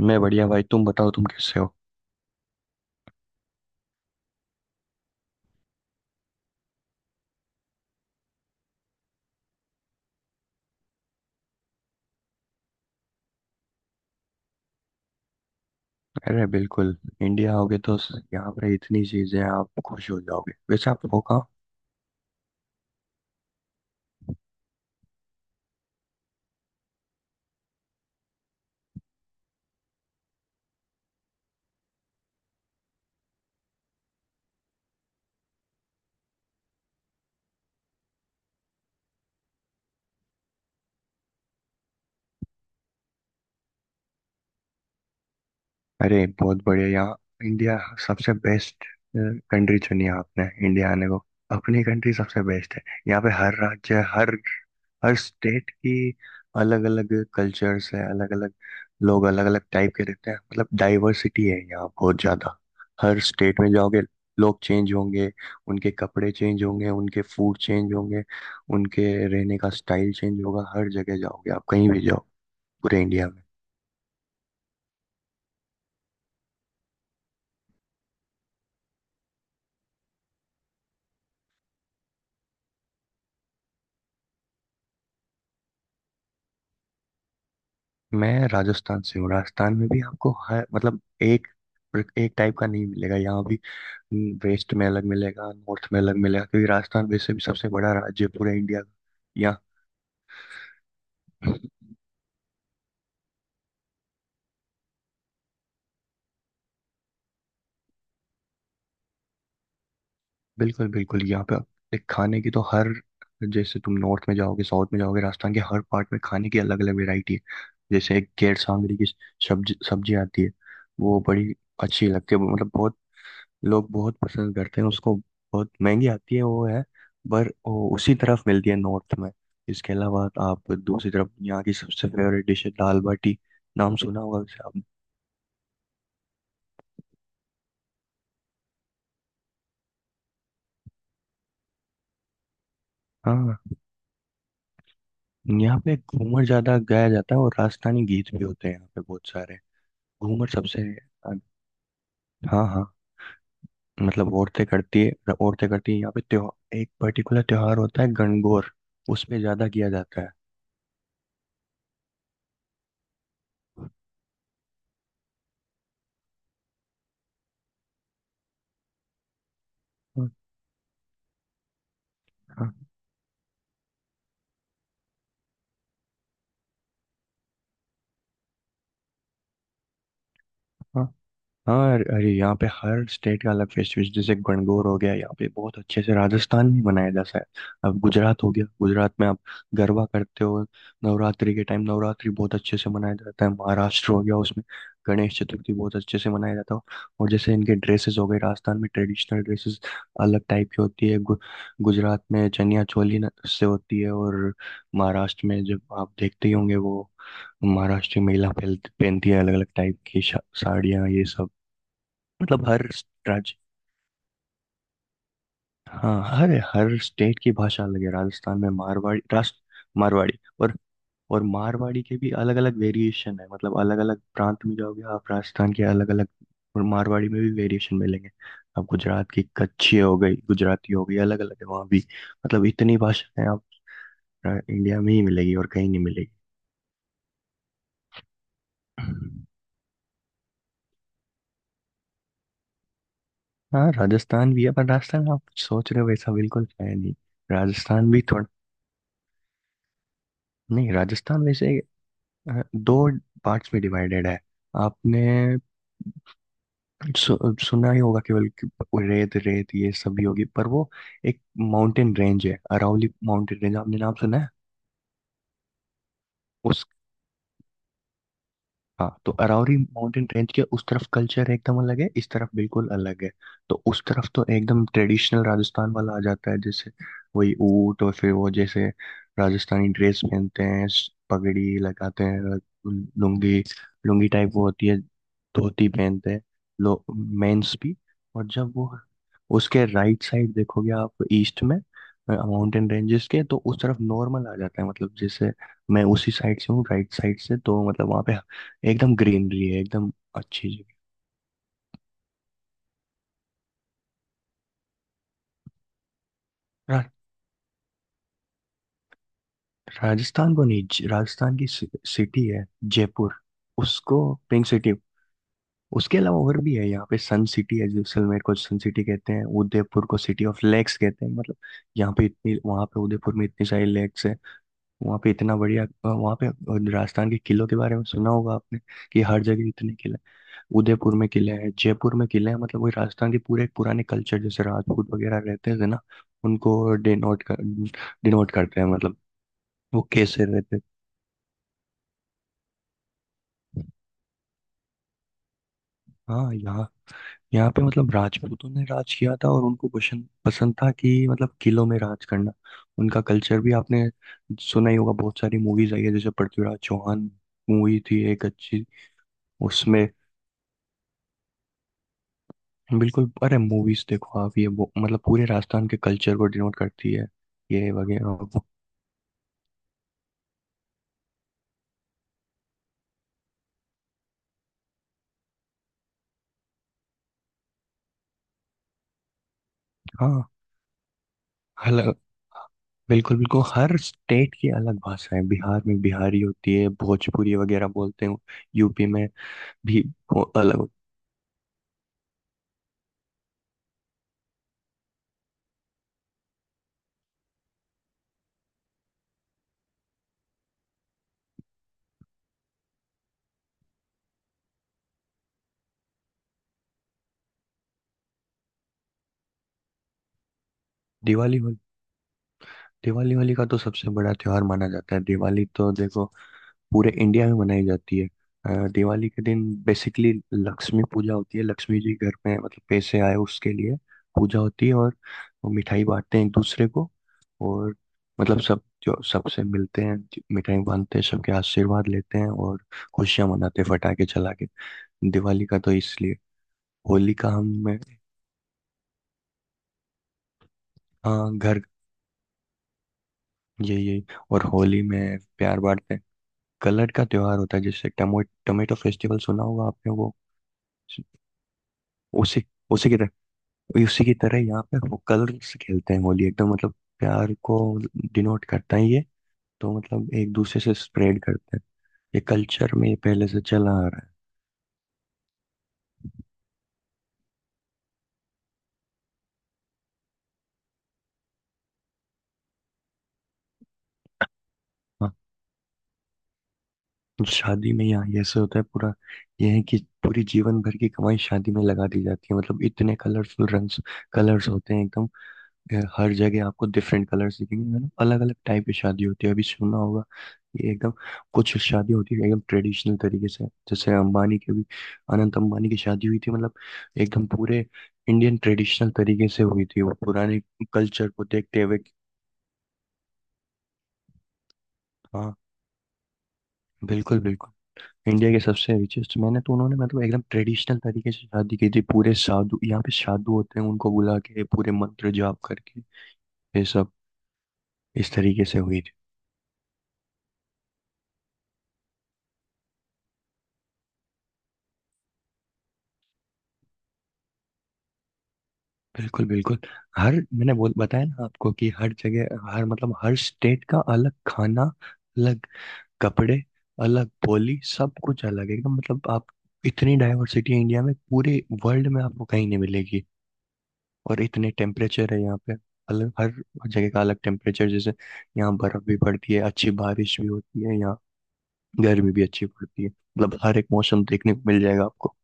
मैं बढ़िया भाई। तुम बताओ तुम कैसे हो? अरे बिल्कुल, इंडिया आओगे तो यहाँ पर इतनी चीजें हैं, आप खुश हो जाओगे। वैसे आप हो कहाँ? अरे बहुत बढ़िया। यहाँ इंडिया सबसे बेस्ट कंट्री चुनी है आपने इंडिया आने को। अपनी कंट्री सबसे बेस्ट है। यहाँ पे हर राज्य हर हर स्टेट की अलग अलग कल्चर्स है। अलग अलग लोग अलग अलग टाइप के रहते हैं, मतलब डाइवर्सिटी है यहाँ बहुत ज़्यादा। हर स्टेट में जाओगे लोग चेंज होंगे, उनके कपड़े चेंज होंगे, उनके फूड चेंज होंगे, उनके रहने का स्टाइल चेंज होगा। हर जगह जाओगे आप, कहीं भी जाओ पूरे इंडिया में। मैं राजस्थान से हूँ। राजस्थान में भी आपको हर मतलब एक एक टाइप का नहीं मिलेगा। यहाँ भी वेस्ट में अलग मिलेगा, नॉर्थ में अलग मिलेगा, क्योंकि राजस्थान वैसे भी सबसे बड़ा राज्य है पूरे इंडिया का। यहाँ बिल्कुल बिल्कुल, यहाँ पे एक खाने की तो हर जैसे तुम नॉर्थ में जाओगे साउथ में जाओगे, राजस्थान के हर पार्ट में खाने की अलग अलग वैरायटी है। जैसे एक केर सांगरी की सब्जी सब्जी आती है। वो बड़ी अच्छी लगती है, मतलब बहुत लोग बहुत पसंद करते हैं उसको। बहुत महंगी आती है वो है, पर वो उसी तरफ मिलती है नॉर्थ में। इसके अलावा आप दूसरी तरफ, यहाँ की सबसे फेवरेट डिश है दाल बाटी। नाम सुना होगा वैसे आपने? हाँ, यहाँ पे घूमर ज्यादा गाया जाता है, और राजस्थानी गीत भी होते हैं यहाँ पे बहुत सारे। घूमर सबसे अ, हाँ हाँ, मतलब औरतें करती है। औरतें करती है यहाँ पे, त्योहार एक पर्टिकुलर त्योहार होता है गणगौर, उसमें ज्यादा किया जाता है। हाँ। हाँ। हाँ। हाँ, अरे अरे, यहाँ पे हर स्टेट का अलग फेस्टिवल। जैसे गणगौर हो गया, यहाँ पे बहुत अच्छे से राजस्थान में मनाया जाता है। अब गुजरात हो गया, गुजरात में आप गरबा करते हो नवरात्रि के टाइम। नवरात्रि बहुत अच्छे से मनाया जाता है। महाराष्ट्र हो गया, उसमें गणेश चतुर्थी बहुत अच्छे से मनाया जाता है। और जैसे इनके ड्रेसेस हो गए, राजस्थान में ट्रेडिशनल ड्रेसेस अलग टाइप की होती है। गुजरात में चनिया चोली से होती है, और महाराष्ट्र में जब आप देखते ही होंगे, वो महाराष्ट्र की महिला पहनती है अलग अलग टाइप की साड़ियाँ, ये सब। मतलब हर राज्य। हाँ, हर हर स्टेट की भाषा अलग है। राजस्थान में मारवाड़ी राष्ट्र मारवाड़ी, और मारवाड़ी के भी अलग अलग वेरिएशन है। मतलब अलग अलग प्रांत में जाओगे आप राजस्थान के, अलग अलग और मारवाड़ी में भी वेरिएशन मिलेंगे। आप गुजरात की कच्छी हो गई, गुजराती हो गई, अलग अलग है वहाँ भी। मतलब इतनी भाषाएं आप इंडिया में ही मिलेगी, और कहीं नहीं मिलेगी। हाँ, राजस्थान भी है, पर राजस्थान आप सोच रहे हो वैसा बिल्कुल है नहीं। राजस्थान भी थोड़ा, नहीं, राजस्थान वैसे दो पार्ट्स में डिवाइडेड है। आपने सुना ही होगा केवल कि वो रेत रेत ये सब भी होगी, पर वो एक माउंटेन रेंज है अरावली माउंटेन रेंज। आपने नाम सुना है? हाँ, तो अरावरी माउंटेन रेंज के उस तरफ कल्चर एकदम अलग है, इस तरफ बिल्कुल अलग है। तो उस तरफ तो एकदम ट्रेडिशनल राजस्थान वाला आ जाता है, जैसे वही ऊँट और फिर वो जैसे राजस्थानी ड्रेस पहनते हैं, पगड़ी लगाते हैं, लुंगी, लुंगी टाइप वो होती है, धोती पहनते हैं लो मेंस भी। और जब वो उसके राइट साइड देखोगे आप, ईस्ट में माउंटेन रेंजेस के, तो उस तरफ नॉर्मल आ जाता है। मतलब जैसे मैं उसी साइड से हूँ, राइट साइड से, तो मतलब वहाँ पे एकदम ग्रीनरी है, एकदम अच्छी जगह। रा, राजस्थान को नहीं राजस्थान की सिटी है जयपुर, उसको पिंक सिटी। उसके अलावा और भी है यहाँ पे, सन सिटी है, जैसलमेर को सन सिटी कहते हैं, उदयपुर को सिटी ऑफ लेक्स कहते हैं। मतलब यहाँ पे इतनी, वहाँ पे उदयपुर में इतनी सारी लेक्स है। वहाँ पे इतना बढ़िया वहाँ पे राजस्थान के किलों के बारे में सुना होगा आपने कि हर जगह इतने किले। उदयपुर में किले हैं, जयपुर में किले हैं, मतलब वही राजस्थान के पूरे पुराने कल्चर, जैसे राजपूत वगैरह रहते थे ना, उनको डिनोट करते हैं मतलब। वो कैसे रहते थे? हाँ, यहाँ, यहाँ पे मतलब राजपूतों ने राज किया था, और उनको पसंद पसंद था कि मतलब किलों में राज करना। उनका कल्चर भी आपने सुना ही होगा, बहुत सारी मूवीज आई है, जैसे पृथ्वीराज चौहान मूवी थी एक अच्छी। उसमें बिल्कुल, अरे मूवीज देखो आप ये वो, मतलब पूरे राजस्थान के कल्चर को डिनोट करती है ये वगैरह। हाँ, हल- बिल्कुल बिल्कुल, हर स्टेट की अलग भाषा है। बिहार में बिहारी होती है, भोजपुरी वगैरह बोलते हैं। यूपी में भी वो अलग होती है। दिवाली होली, दिवाली होली का तो सबसे बड़ा त्योहार माना जाता है। दिवाली तो देखो पूरे इंडिया में मनाई जाती है। दिवाली के दिन बेसिकली लक्ष्मी पूजा होती है। लक्ष्मी जी घर में, मतलब पैसे आए उसके लिए पूजा होती है। और वो मिठाई बांटते हैं एक दूसरे को, और मतलब सब जो सबसे मिलते हैं मिठाई बांटते हैं, सबके आशीर्वाद लेते हैं, और खुशियां मनाते हैं फटाके चला के। दिवाली का तो इसलिए। होली का हम में, हाँ घर, यही यही। और होली में प्यार बांटते हैं। कलर का त्योहार होता है, जैसे टमो टमेटो फेस्टिवल सुना होगा आपने, वो उसी, उसी की, वही उसी की तरह यहाँ पे वो कलर्स खेलते हैं। होली एकदम मतलब प्यार को डिनोट करता है ये। तो मतलब एक दूसरे से स्प्रेड करते हैं, ये कल्चर में ये पहले से चला आ रहा है। हाँ, तो शादी में यहाँ ये ऐसे होता है पूरा, ये है कि पूरी जीवन भर की कमाई शादी में लगा दी जाती है। मतलब इतने कलरफुल रंग्स, कलर्स होते हैं एकदम। ये हर जगह आपको डिफरेंट कलर्स दिखेंगे, मतलब अलग अलग टाइप की शादी होती है। अभी सुना होगा ये एकदम, कुछ शादी होती है एकदम ट्रेडिशनल तरीके से, जैसे अंबानी की भी, अनंत अंबानी की शादी हुई थी, मतलब एकदम पूरे इंडियन ट्रेडिशनल तरीके से हुई थी, वो पुराने कल्चर को देखते हुए। हाँ, बिल्कुल बिल्कुल, इंडिया के सबसे रिचेस्ट। मैंने तो, उन्होंने मतलब एकदम ट्रेडिशनल तरीके से शादी की थी, पूरे साधु, यहाँ पे साधु होते हैं, उनको बुला के पूरे मंत्र जाप करके ये सब इस तरीके से हुई। बिल्कुल बिल्कुल, हर मैंने बोल बताया ना आपको कि हर जगह हर, मतलब हर स्टेट का अलग खाना, अलग कपड़े, अलग बोली, सब कुछ अलग है एकदम, मतलब आप इतनी डाइवर्सिटी है इंडिया में। पूरे वर्ल्ड में आपको कहीं नहीं मिलेगी। और इतने टेम्परेचर है यहाँ पे अलग, हर जगह का अलग टेम्परेचर। जैसे यहाँ बर्फ भी पड़ती है, अच्छी बारिश भी होती है यहाँ, गर्मी भी अच्छी पड़ती है, मतलब हर एक मौसम देखने को मिल जाएगा आपको।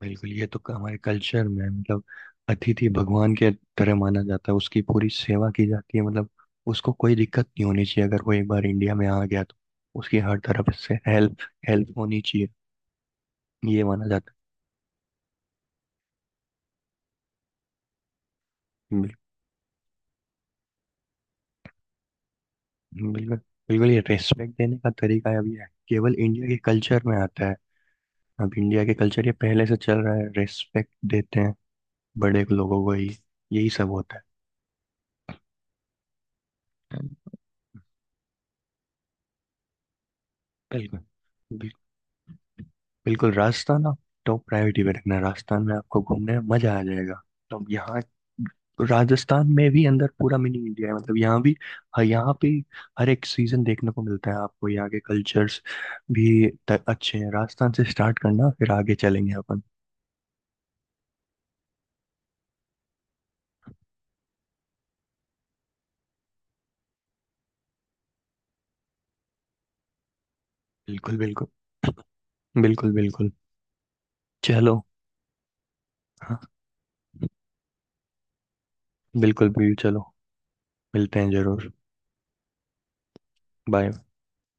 बिल्कुल, ये तो हमारे कल्चर में है, मतलब अतिथि भगवान के तरह माना जाता है, उसकी पूरी सेवा की जाती है। मतलब उसको कोई दिक्कत नहीं होनी चाहिए, अगर वो एक बार इंडिया में आ गया तो उसकी हर तरफ से हेल्प हेल्प होनी चाहिए, ये माना जाता है। बिल्कुल बिल्कुल, बिल्कुल ये रेस्पेक्ट देने का तरीका है, अभी है केवल इंडिया के कल्चर में आता है। अब इंडिया के कल्चर ये पहले से चल रहा है, रेस्पेक्ट देते हैं बड़े लोगों को ही, यही सब होता है। बिल्कुल बिल्कुल, राजस्थान आप टॉप प्रायोरिटी पे रखना, राजस्थान में आपको घूमने में मजा आ जाएगा। तो यहाँ राजस्थान में भी अंदर पूरा मिनी इंडिया है, मतलब यहाँ भी हाँ, यहाँ पे हर एक सीजन देखने को मिलता है आपको। यहाँ के कल्चर्स भी अच्छे हैं, राजस्थान से स्टार्ट करना, फिर आगे चलेंगे अपन। बिल्कुल बिल्कुल। बिल्कुल बिल्कुल, चलो। हाँ, बिल्कुल बिल्कुल, चलो, मिलते हैं जरूर। बाय।